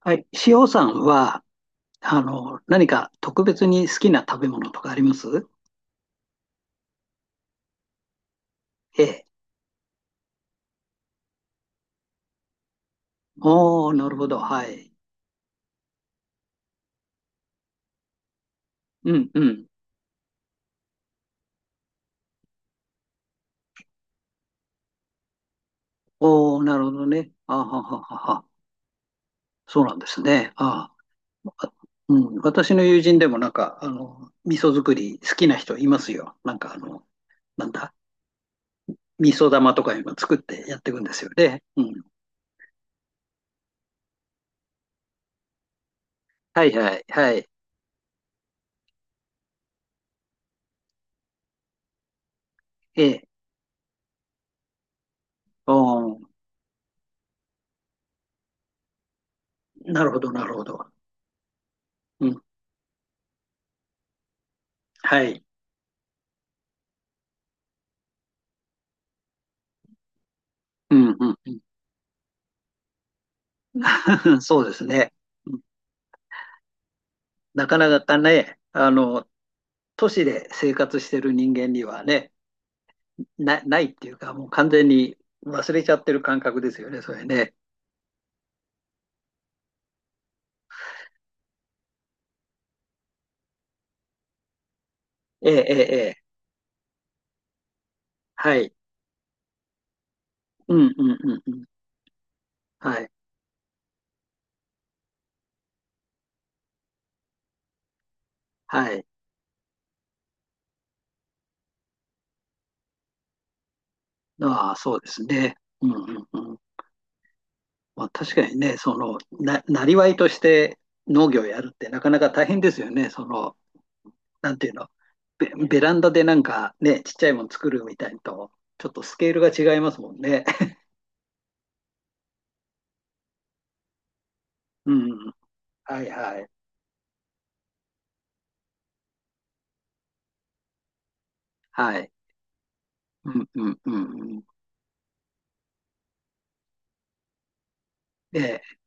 はい。塩さんは、何か特別に好きな食べ物とかあります？ええ。おー、なるほど。はい。うんうん。おー、なるほどね。あはははは。そうなんですね。ああ。うん。私の友人でもなんか、味噌作り好きな人いますよ。なんかなんだ。味噌玉とか今作ってやっていくんですよね。うん。はいはいはい。ええ。おー、なるほどなるほど。うん。はい。うんうんうん。そうですね。なかなかね、都市で生活してる人間にはね、ないっていうか、もう完全に忘れちゃってる感覚ですよね、それね。ええ、ええ、ええ。はい。うん、うん、うん、うん。はい、はい。ああ、そうですね。うん、うん、うん。まあ、確かにね、その、なりわいとして農業やるってなかなか大変ですよね、その、なんていうの、ベランダでなんかね、ちっちゃいもの作るみたいにと、ちょっとスケールが違いますもんね。うん、はい、はい、はい。うんうんうんうん。ええ、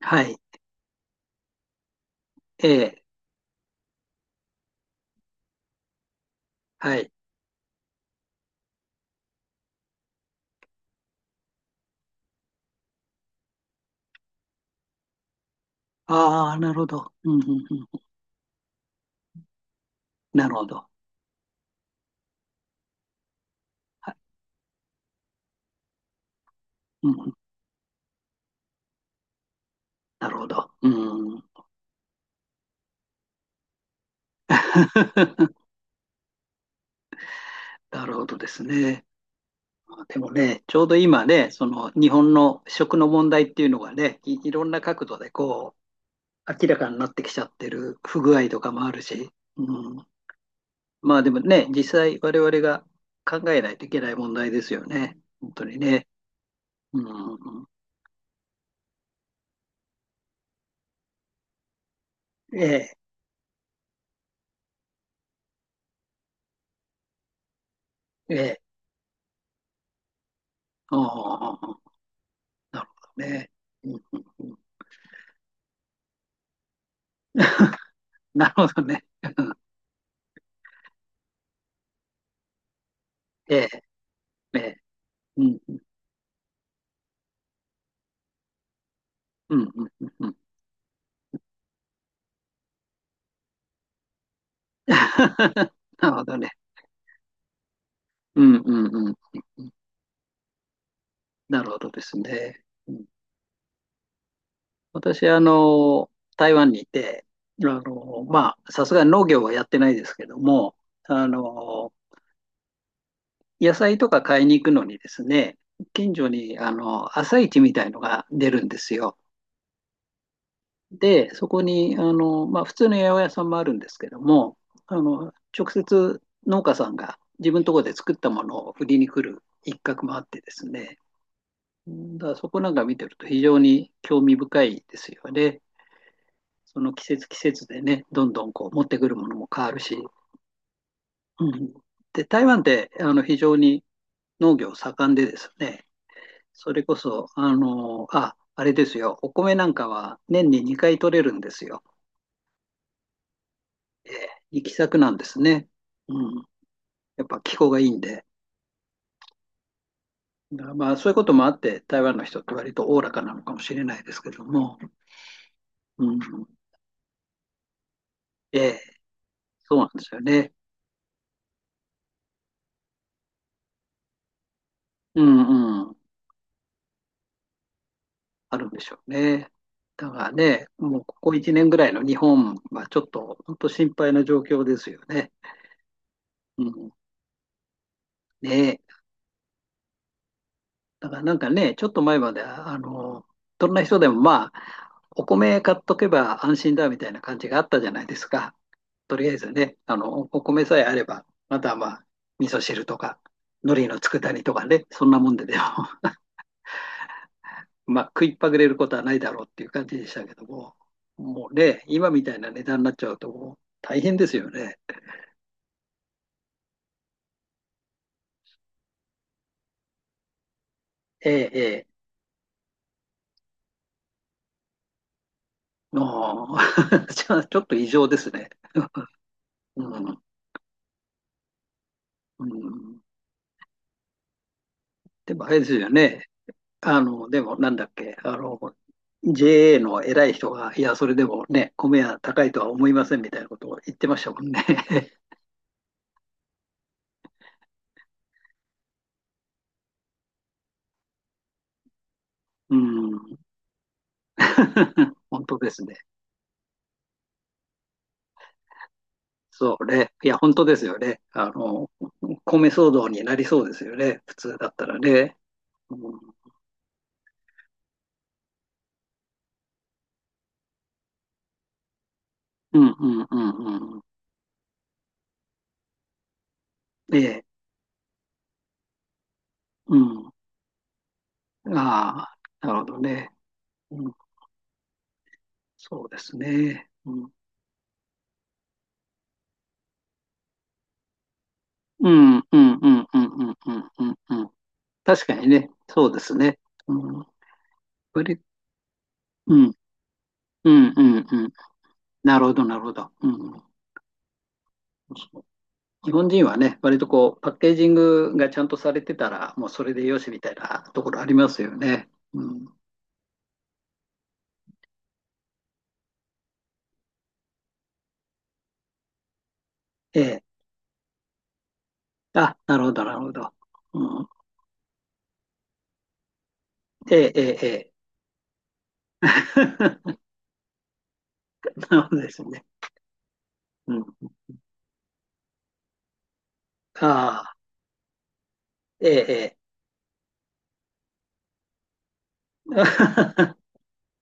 はい、ええ、はい。ああ、なるほど。うんうんうん。なるほど。はい。うんうん、なるほど。うん。なるほどですね。でもね、ちょうど今ね、その日本の食の問題っていうのがね、いろんな角度でこう、明らかになってきちゃってる不具合とかもあるし、うん。まあでもね、実際我々が考えないといけない問題ですよね。本当にね。うんうんうん。ええ、ええ。ああ。なるほどね。うんうんうん、なるほどね。うん。ええ、ええ、うん、うん、うん、うんうん。なるほどね。うん、うん、うん、うん。なるほどですね。うん、私、台湾にいて、まあ、さすがに農業はやってないですけども、あの、野菜とか買いに行くのにですね、近所に、朝市みたいのが出るんですよ。で、そこに、まあ、普通の八百屋さんもあるんですけども、直接農家さんが自分のところで作ったものを売りに来る一角もあってですね、だからそこなんか見てると非常に興味深いですよね。その季節季節でね、どんどんこう持ってくるものも変わるし、うん。で、台湾って非常に農業盛んでですね、それこそ、あれですよ、お米なんかは年に2回取れるんですよ。ええ行き先なんですね。うん。やっぱ気候がいいんで。だからまあそういうこともあって、台湾の人って割とおおらかなのかもしれないですけども。うん。ええ、そうなんですよね。うんうん。あるんでしょうね。だからね、もうここ1年ぐらいの日本はちょっと本当心配な状況ですよね。うん。ねえ。だからなんかね、ちょっと前までは、どんな人でもまあ、お米買っとけば安心だみたいな感じがあったじゃないですか。とりあえずね、お米さえあれば、あとはまあ、味噌汁とか、海苔の佃煮とかね、そんなもんででも、まあ、食いっぱぐれることはないだろうっていう感じでしたけども、もうね、今みたいな値段になっちゃうと、もう大変ですよね。ええ、ええ、も ちょっと異常ですね。うん、うん。でも、あれですよね。でも、なんだっけ、JA の偉い人が、いや、それでもね、米は高いとは思いませんみたいなことを言ってましたもんね。うん。本当ですね。そうね。いや、本当ですよね。米騒動になりそうですよね。普通だったらね。うん、うん、うん、うんうん。ええ、うん。ああ、なるほどね。うん、そうですね。うん、うん、うん、うん、うん、うん、うん、うんうん。確かにね。そうですね。うん、これ、うん、うん、うん、うん。なるほど、なるほど。うん、日本人はね、割とこう、パッケージングがちゃんとされてたら、もうそれでよしみたいなところありますよね。うん。ええ。あ、なるほど、なるほど。うん。ええ、ええ、ええ。なるほどですね。うん。ああ、ええ、ええ。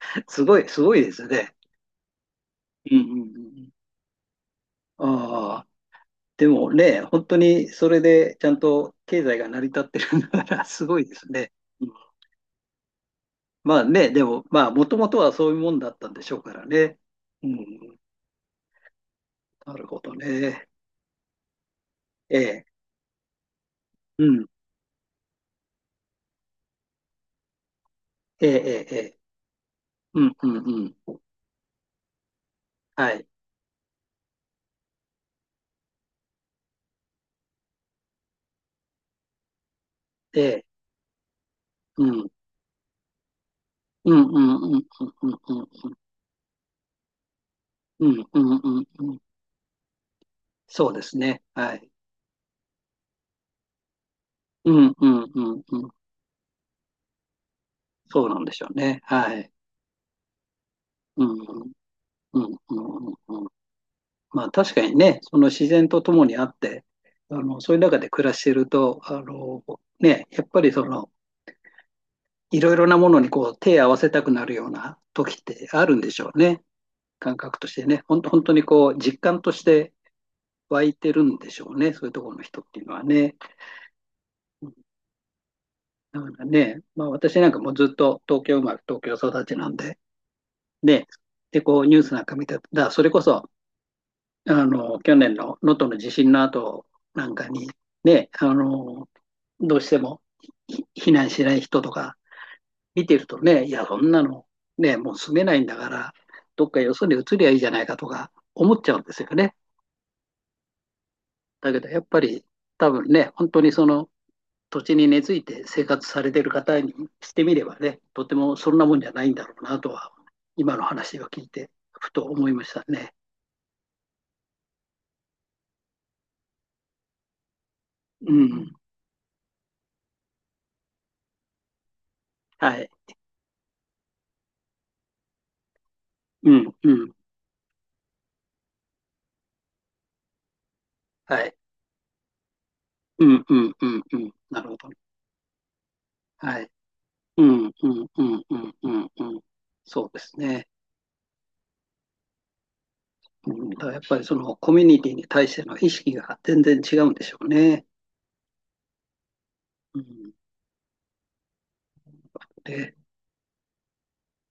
すごい、すごいですね。うんうんうん。ああ、でもね、本当にそれでちゃんと経済が成り立ってるんだから、すごいですね。うん。まあね、でも、まあ、もともとはそういうもんだったんでしょうからね。うん。なるほどね。ええ、うん、ええ、ええ、ええ。うん、うん、うん。はい。ええ、うん、うん、うん、うん、うん、うん、うん、うん、うん、うん。そうですね。はい。うん、うん、うん、うん。そうなんでしょうね。はい。うん、うん、うん、うん、うん。まあ確かにね、その自然と共にあって、そういう中で暮らしてると、ね、やっぱりその、いろいろなものにこう手を合わせたくなるような時ってあるんでしょうね。感覚としてね、本当本当にこう、実感として湧いてるんでしょうね、そういうところの人っていうのはね。だからね、まあ私なんかもうずっと東京生まれ、東京育ちなんで、ね、で、こうニュースなんか見てた、それこそ、去年の能登の地震の後なんかに、ね、どうしても避難しない人とか見てるとね、いや、そんなの、ね、もう住めないんだから、どっかよそに移りゃいいじゃないかとか思っちゃうんですよね。だけど、やっぱり多分ね、本当にその土地に根付いて生活されてる方にしてみればね、とてもそんなもんじゃないんだろうなとは、今の話を聞いて、ふと思いましたね。うん。はい。うん、うん。はい。うん、うん、うん、うん。なるほど。はい。うん、うん、うん、うん、うん、うん。そうですね。うん、だからやっぱりそのコミュニティに対しての意識が全然違うんでしょうね。うん、で